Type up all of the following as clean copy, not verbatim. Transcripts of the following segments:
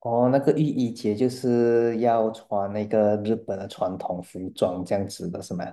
哦，那个浴衣节就是要穿那个日本的传统服装这样子的是吗？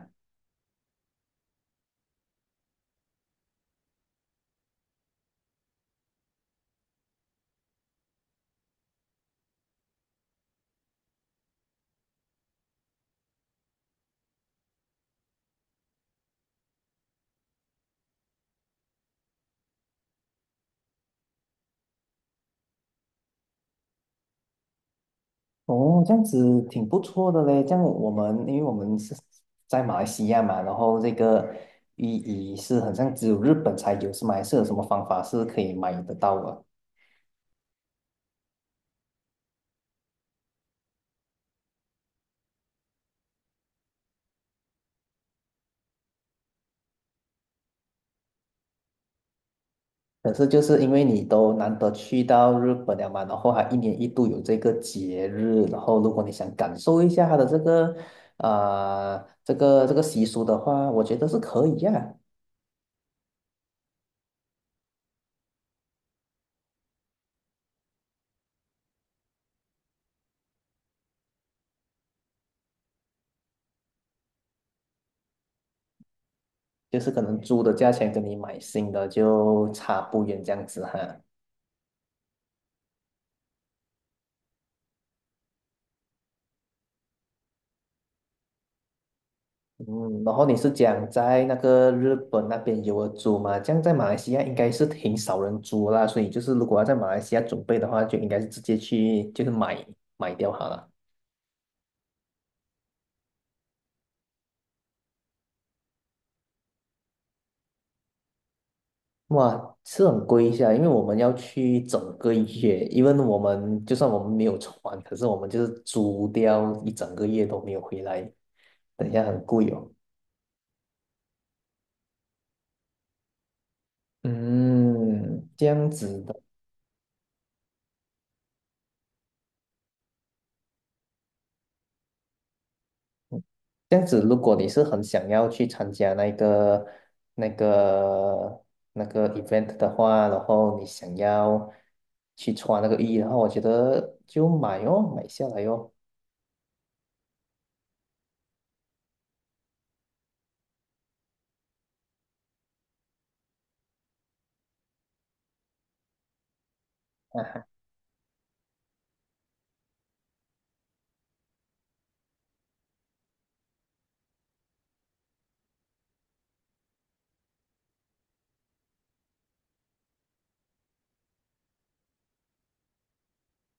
哦，这样子挺不错的嘞。这样我们，因为我们是在马来西亚嘛，然后这个浴衣是很像只有日本才有，是吗？还是有什么方法是可以买得到的？可是就是因为你都难得去到日本了嘛，然后还一年一度有这个节日，然后如果你想感受一下它的这个啊、这个习俗的话，我觉得是可以呀、就是可能租的价钱跟你买新的就差不远这样子哈。嗯，然后你是讲在那个日本那边有人租嘛？这样在马来西亚应该是挺少人租啦，所以就是如果要在马来西亚准备的话，就应该是直接去就是买掉好了。哇，是很贵一下，因为我们要去整个月，因为我们就算我们没有船，可是我们就是租掉一整个月都没有回来，等一下很贵哦。嗯，这样子的这样子，如果你是很想要去参加那个、那个、那个 event 的话，然后你想要去穿那个浴衣的话，我觉得就买哦，买下来哦。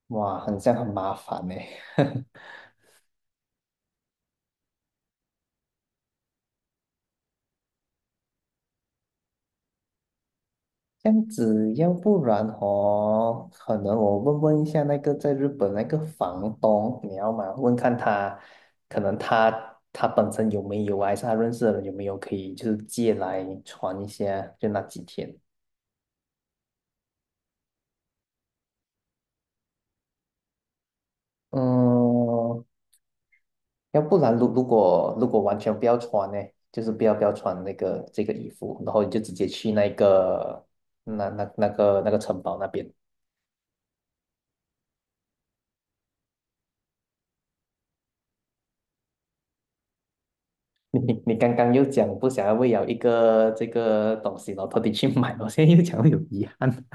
哇，很像很麻烦呢。这样子，要不然哦，可能我问问一下那个在日本那个房东，你要吗？问看他，可能他本身有没有啊，还是他认识的人有没有可以就是借来穿一下，就那几天。嗯，要不然如果完全不要穿呢，就是不要穿那个这个衣服，然后你就直接去那个那个城堡那边。你刚刚又讲不想要为了一个这个东西，然后特地去买，我现在又讲有遗憾。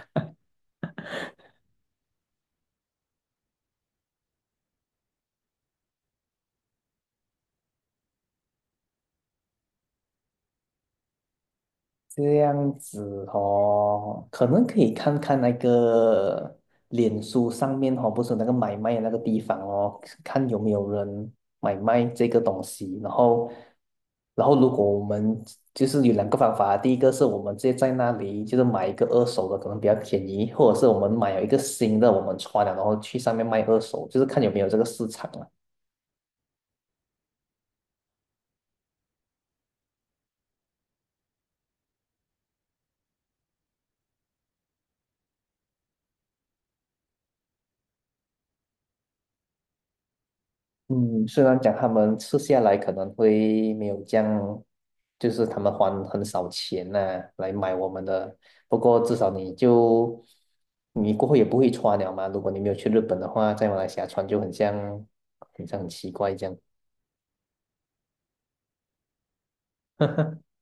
这样子哦，可能可以看看那个脸书上面哦，不是有那个买卖的那个地方哦，看有没有人买卖这个东西。然后如果我们就是有两个方法，第一个是我们直接在那里就是买一个二手的，可能比较便宜，或者是我们买了一个新的，我们穿了然后去上面卖二手，就是看有没有这个市场啊。嗯，虽然讲他们吃下来可能会没有这样，就是他们还很少钱呐、来买我们的，不过至少你过后也不会穿了嘛。如果你没有去日本的话，在马来西亚穿就很像，很像很奇怪这样。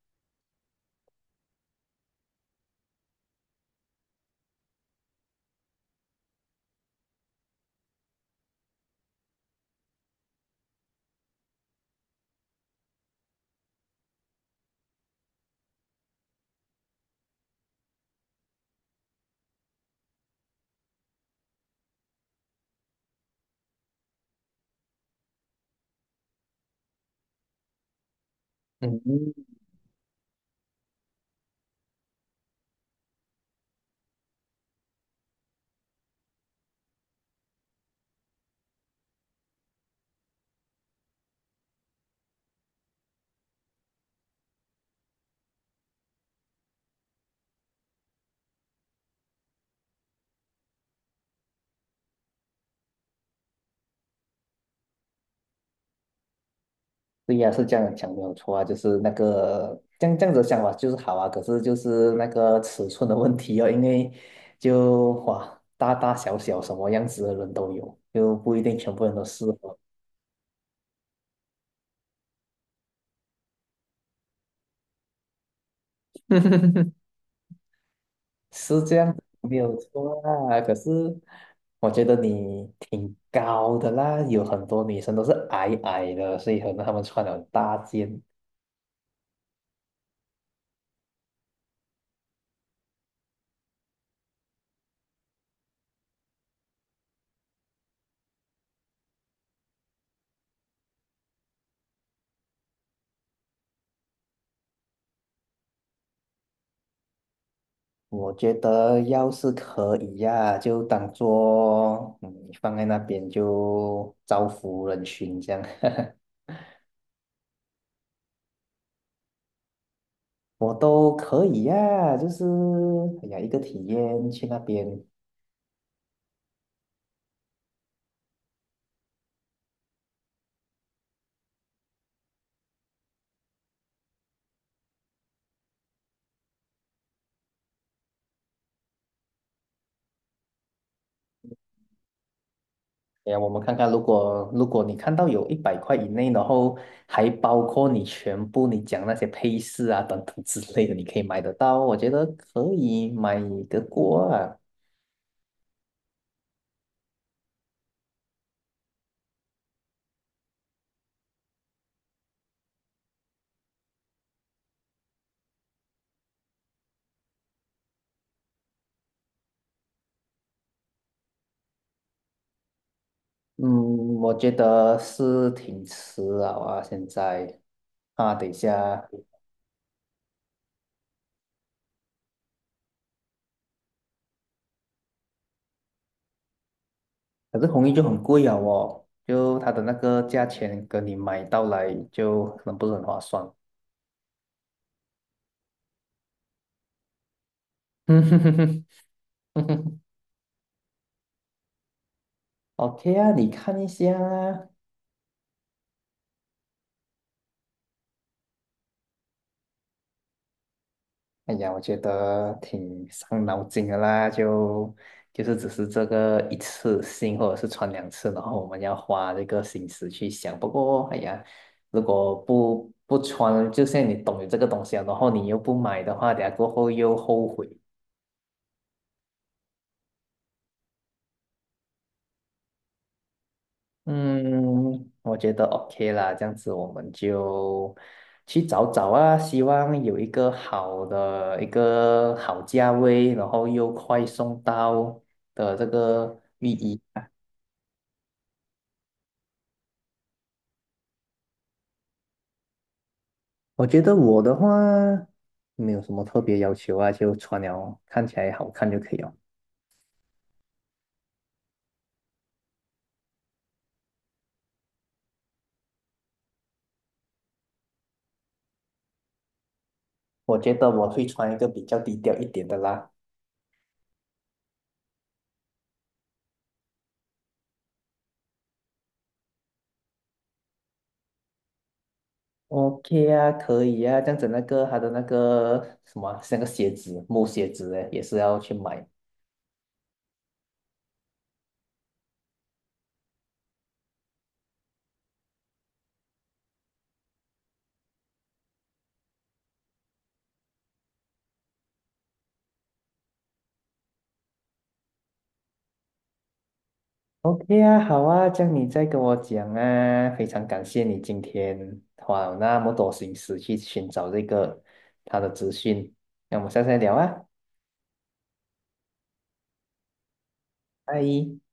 嗯，对呀、是这样讲没有错啊，就是那个这样子想法就是好啊，可是就是那个尺寸的问题哦，因为就哇，大大小小什么样子的人都有，就不一定全部人都适合。是这样，没有错啦。可是我觉得你挺高的啦，有很多女生都是矮矮的，所以可能她们穿了很大件。我觉得要是可以呀、就当做嗯放在那边就造福人群这样，我都可以呀、就是哎呀一个体验去那边哎呀，我们看看，如果你看到有100块以内，然后还包括你全部你讲那些配饰啊等等之类的，你可以买得到，我觉得可以买得过啊。嗯，我觉得是挺迟了啊，现在啊，等一下，可是红衣就很贵啊哦，就它的那个价钱跟你买到来就可能不是很划算。嗯哼哼哼哼哼，OK 啊，你看一下啊。哎呀，我觉得挺伤脑筋的啦，就是只是这个一次性或者是穿两次，然后我们要花这个心思去想。不过，哎呀，如果不穿，就像你懂有这个东西啊，然后你又不买的话，等下过后又后悔。嗯，我觉得 OK 啦，这样子我们就去找找啊，希望有一个好的一个好价位，然后又快送到的这个浴衣。我觉得我的话没有什么特别要求啊，就穿了看起来好看就可以了。我觉得我会穿一个比较低调一点的啦。OK 啊，可以啊，这样子那个他的那个什么，是那个鞋子木鞋子诶，也是要去买。OK 啊，好啊，这样你再跟我讲啊，非常感谢你今天花了那么多心思去寻找这个他的资讯，那我们下次再聊啊，拜。